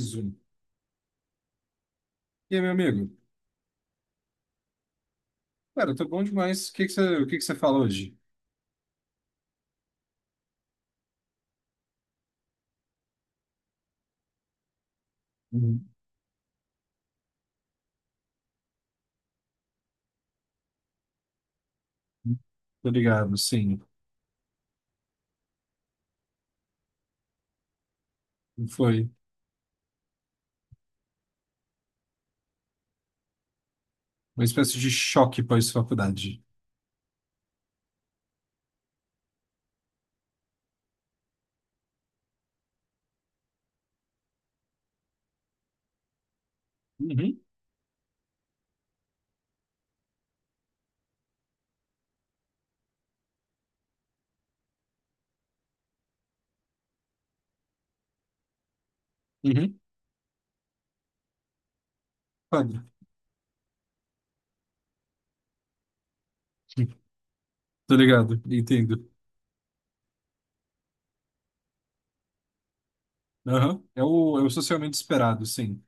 Zoom. E aí, meu amigo? Cara, eu tô bom demais. O que que você fala hoje? Uhum. Tô ligado, sim. Foi uma espécie de choque pós-faculdade. Uhum. Uhum. Claro. Tô ligado, entendo. Aham. É o socialmente esperado, sim.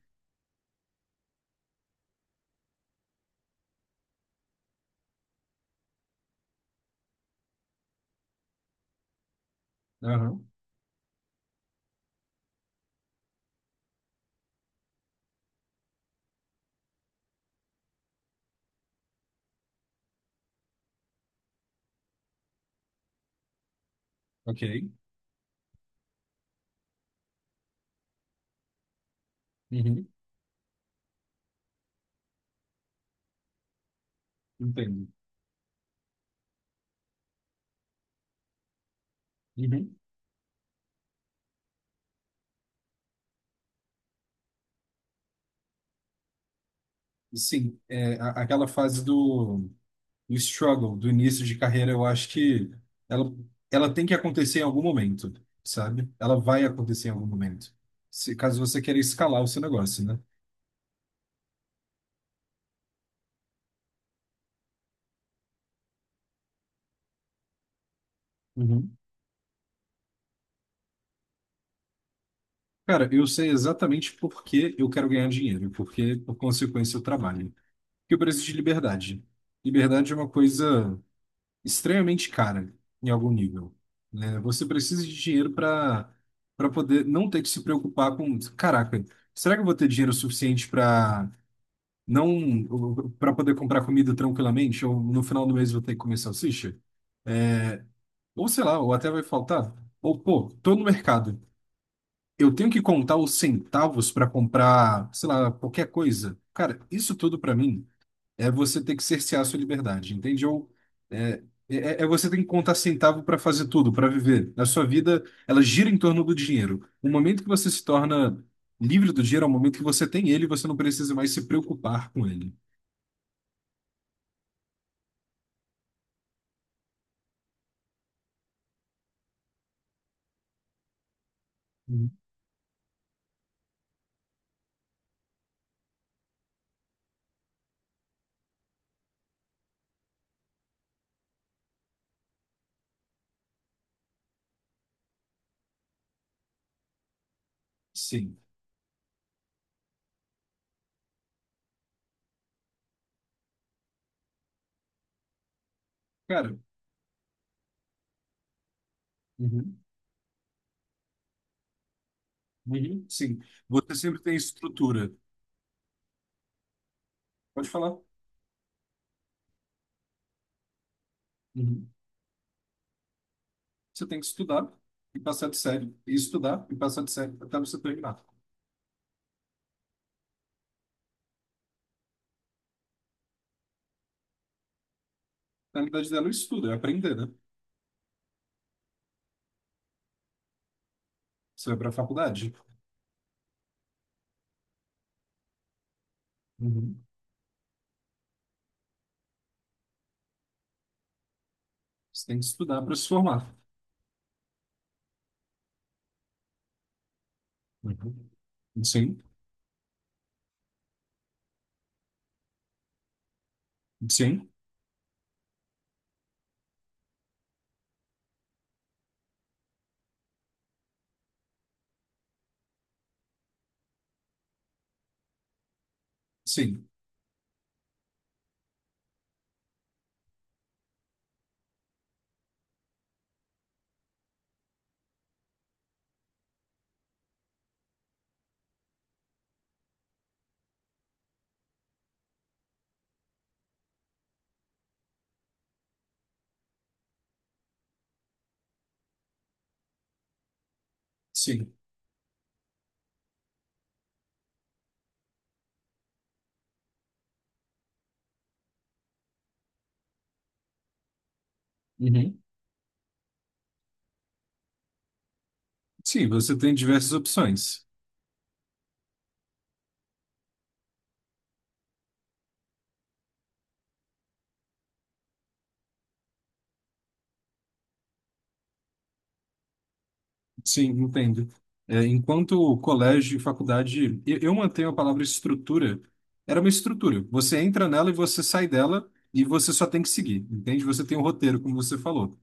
Aham. Ok. Uhum. Entendo. Uhum. Sim, é aquela fase do. O struggle do início de carreira, eu acho que ela, ela tem que acontecer em algum momento, sabe? Ela vai acontecer em algum momento. Se, caso você queira escalar o seu negócio, né? Uhum. Cara, eu sei exatamente por que eu quero ganhar dinheiro, porque, por consequência, eu trabalho. Que eu preciso de liberdade. Liberdade é uma coisa extremamente cara, em algum nível. Né? Você precisa de dinheiro para poder não ter que se preocupar com, caraca, será que eu vou ter dinheiro suficiente para não, para poder comprar comida tranquilamente, ou no final do mês vou ter que comer salsicha, ou sei lá, ou até vai faltar, ou pô, tô no mercado, eu tenho que contar os centavos para comprar, sei lá, qualquer coisa. Cara, isso tudo para mim é você ter que cercear a sua liberdade, entende? Ou é, é, é você ter que contar centavo para fazer tudo, para viver. A sua vida, ela gira em torno do dinheiro. O momento que você se torna livre do dinheiro é o momento que você tem ele e você não precisa mais se preocupar com ele. Uhum. Sim. Cara. Uhum. Uhum. Sim. Você sempre tem estrutura. Pode falar. Uhum. Você tem que estudar e passar de série, e estudar e passar de série até você terminar. Na realidade dela, é o estudo é aprender, né? Você vai para a faculdade. Uhum. Você tem que estudar para se formar. Uhum. Sim, sim, sim, sim. Uhum. Sim, você tem diversas opções. Sim, entendo. É, enquanto colégio e faculdade, eu mantenho a palavra estrutura. Era uma estrutura. Você entra nela e você sai dela e você só tem que seguir, entende? Você tem um roteiro, como você falou.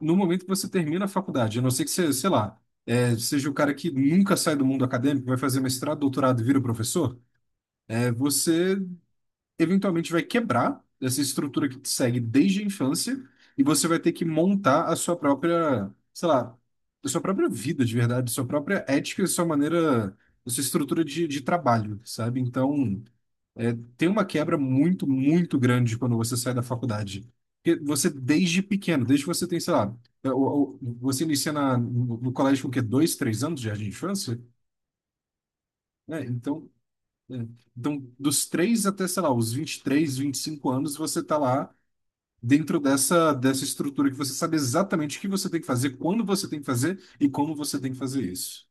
No momento que você termina a faculdade, a não ser que você, sei lá, é, seja o cara que nunca sai do mundo acadêmico, vai fazer mestrado, doutorado e vira professor, eventualmente vai quebrar essa estrutura que te segue desde a infância e você vai ter que montar a sua própria, sei lá, a sua própria vida de verdade, sua própria ética, a sua maneira, a sua estrutura de trabalho, sabe? Então, é, tem uma quebra muito, muito grande quando você sai da faculdade. Porque você, desde pequeno, desde que você tem, sei lá, você inicia na, no, no colégio com o quê? 2, 3 anos de jardim de infância? Né? Então, dos 3 até, sei lá, os 20, 23, 25 anos, você tá lá dentro dessa estrutura que você sabe exatamente o que você tem que fazer, quando você tem que fazer e como você tem que fazer isso.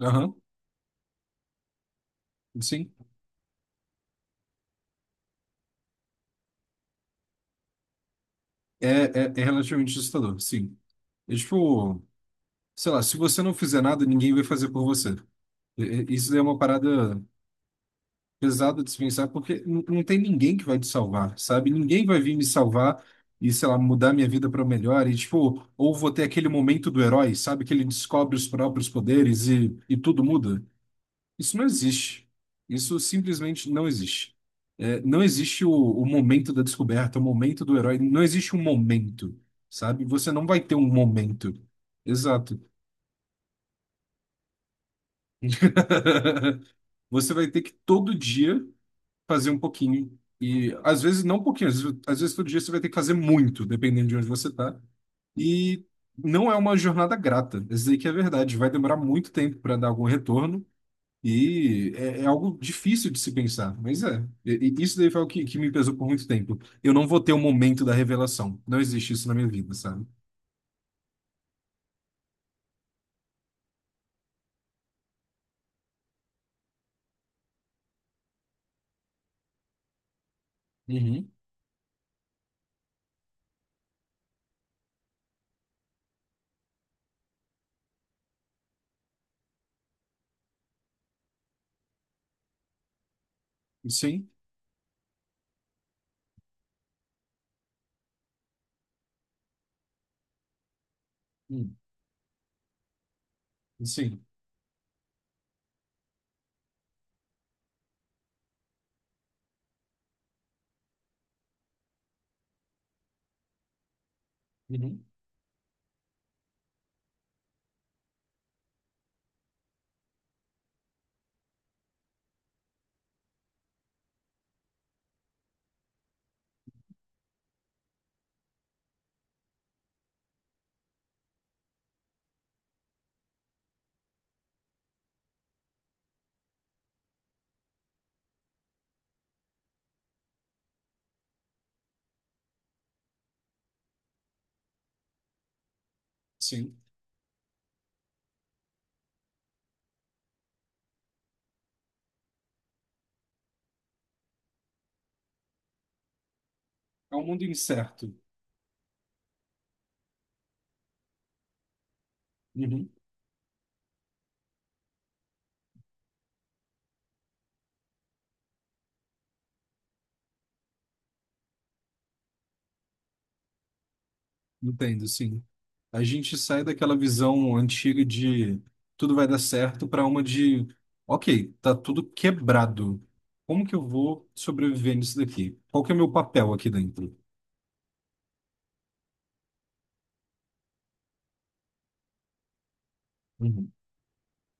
Aham, sim. É, é, é relativamente assustador, sim. É tipo, sei lá, se você não fizer nada, ninguém vai fazer por você. E- Isso daí é uma parada pesado dispensar, porque não tem ninguém que vai te salvar, sabe? Ninguém vai vir me salvar e, sei lá, mudar minha vida para melhor. E, tipo, ou vou ter aquele momento do herói, sabe? Que ele descobre os próprios poderes e tudo muda. Isso não existe. Isso simplesmente não existe. É, não existe o momento da descoberta, o momento do herói. Não existe um momento, sabe? Você não vai ter um momento. Exato. Você vai ter que todo dia fazer um pouquinho. E às vezes não um pouquinho, às vezes todo dia você vai ter que fazer muito, dependendo de onde você está. E não é uma jornada grata. Isso aí que é verdade. Vai demorar muito tempo para dar algum retorno. E é, é algo difícil de se pensar. Mas é. E isso daí foi o que me pesou por muito tempo. Eu não vou ter o momento da revelação. Não existe isso na minha vida, sabe? Uhum. Sim. Hum. Sim. Uhum. Sim. É um mundo incerto. Uhum. Entendo, sim. A gente sai daquela visão antiga de tudo vai dar certo para uma de, ok, tá tudo quebrado. Como que eu vou sobreviver nisso daqui? Qual que é o meu papel aqui dentro? Uhum.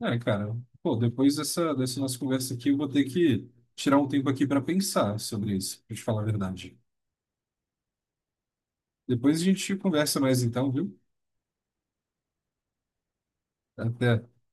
É, cara, pô, depois dessa nossa conversa aqui, eu vou ter que tirar um tempo aqui para pensar sobre isso, pra te falar a verdade. Depois a gente conversa mais então, viu? Até.